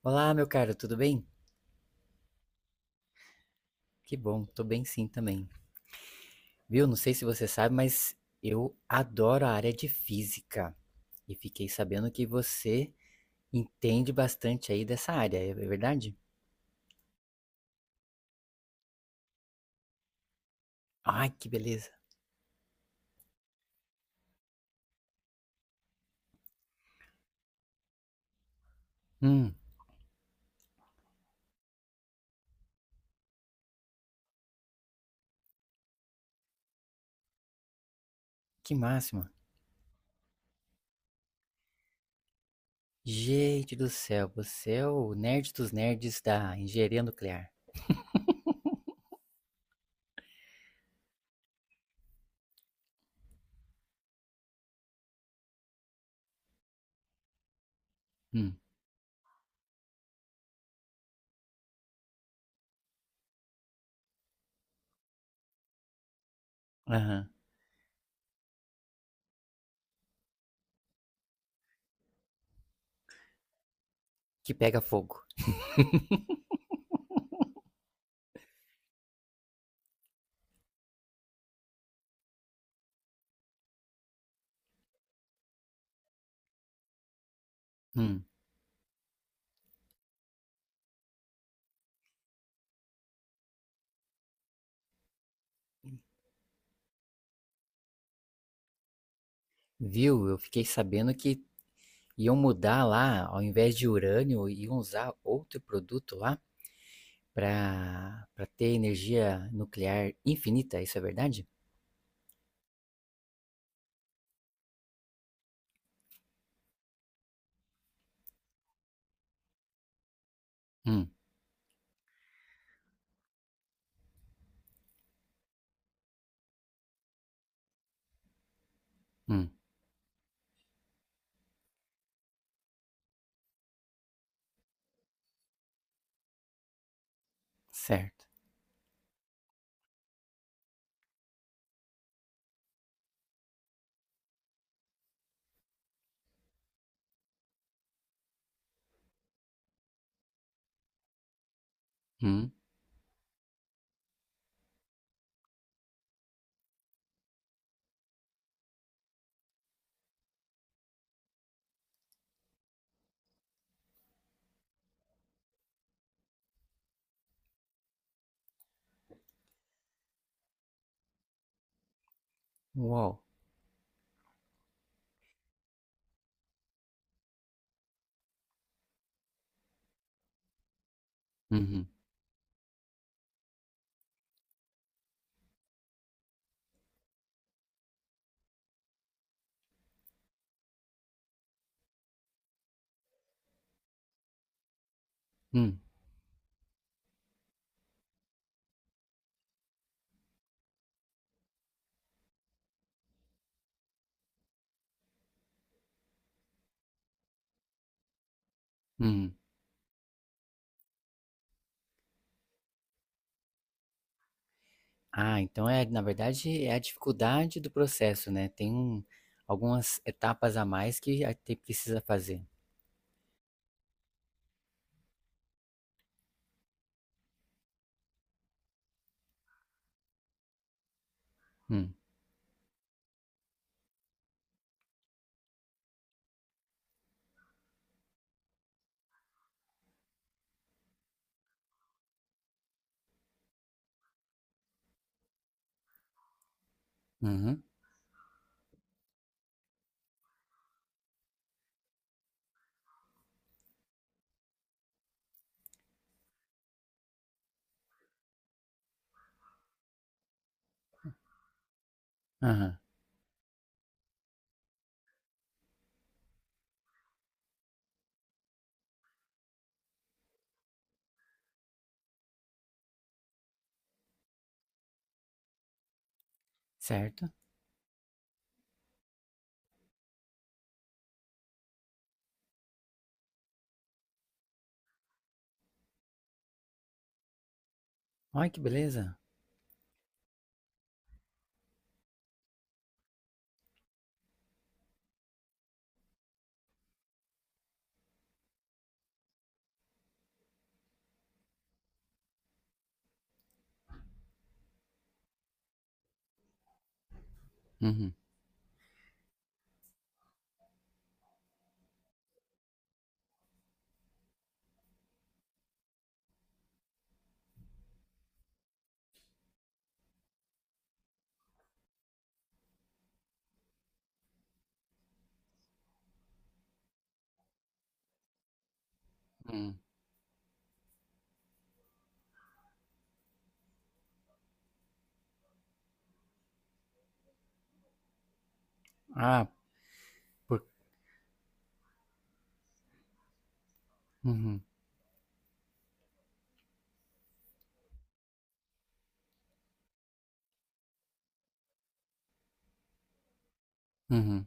Olá, meu caro, tudo bem? Que bom, tô bem sim também. Viu? Não sei se você sabe, mas eu adoro a área de física. E fiquei sabendo que você entende bastante aí dessa área, é verdade? Ai, que beleza. Hum, que máxima. Gente do céu, você é o nerd dos nerds da engenharia nuclear. Hum, aham. Que pega fogo. Hum, Viu? Eu fiquei sabendo que iam mudar lá, ao invés de urânio, iam usar outro produto lá, para pra ter energia nuclear infinita, isso é verdade? Hum, hum, certo. Hum, uau. Uhum, hum, uhum. Ah, então é, na verdade, é a dificuldade do processo, né? Tem algumas etapas a mais que a te precisa fazer. Hum, uhum, aham, certo. Olha que beleza. Uhum, hum. Ah, por, uhum, uhum,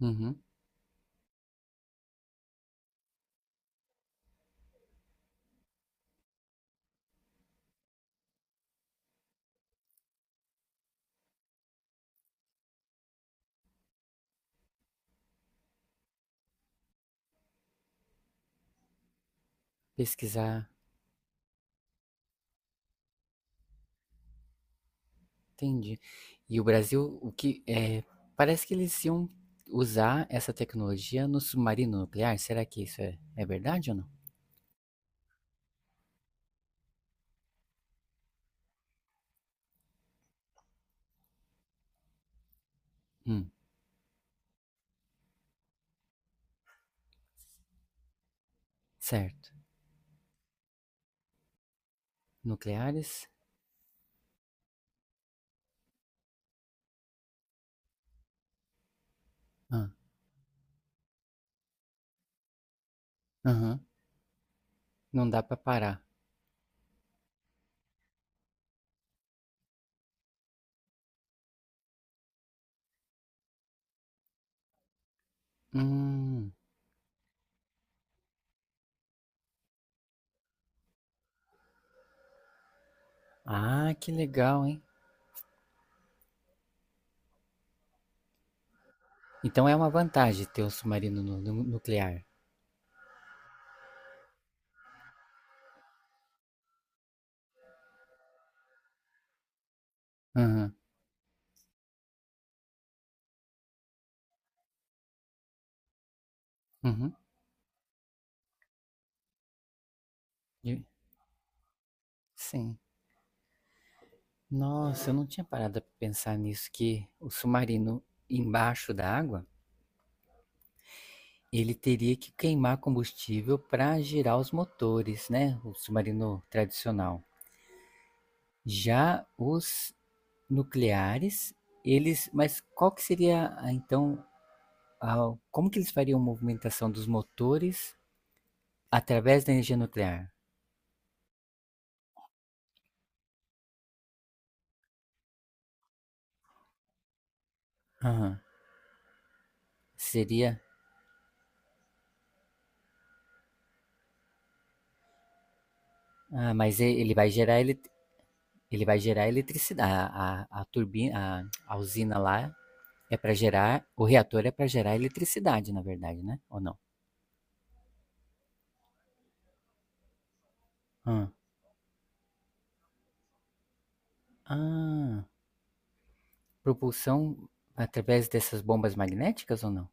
uhum. Pesquisar. Entendi. E o Brasil, o que é, parece que eles iam usar essa tecnologia no submarino nuclear. Será que isso é verdade ou não? Hum, certo. Nucleares? Ah, aham. Não dá pra parar. Hum. Ah, que legal, hein? Então é uma vantagem ter um submarino nuclear. Aham. Uhum. E- Sim. Nossa, eu não tinha parado pra pensar nisso, que o submarino embaixo da água, ele teria que queimar combustível para girar os motores, né? O submarino tradicional. Já os nucleares, eles. Mas qual que seria ah, então, como que eles fariam a movimentação dos motores através da energia nuclear? Aham. Seria. Ah, mas ele vai gerar eletricidade. A turbina, a usina lá é para gerar. O reator é para gerar eletricidade, na verdade, né? Ou não? Ah. Ah. Propulsão através dessas bombas magnéticas ou não?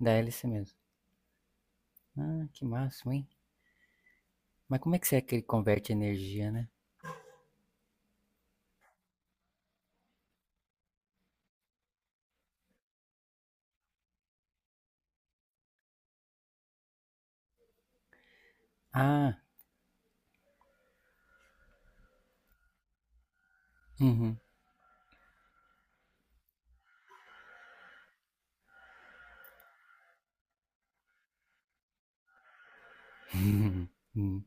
Da hélice mesmo. Ah, que máximo, hein? Mas como é que será que ele converte energia, né? Ah, uhum. Hum,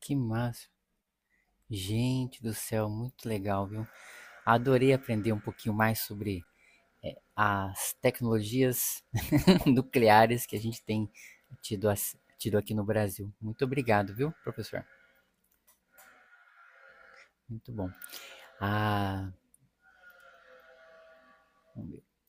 que máximo. Gente do céu, muito legal, viu? Adorei aprender um pouquinho mais sobre as tecnologias nucleares que a gente tem tido, tido, aqui no Brasil. Muito obrigado, viu, professor? Muito bom. Ah,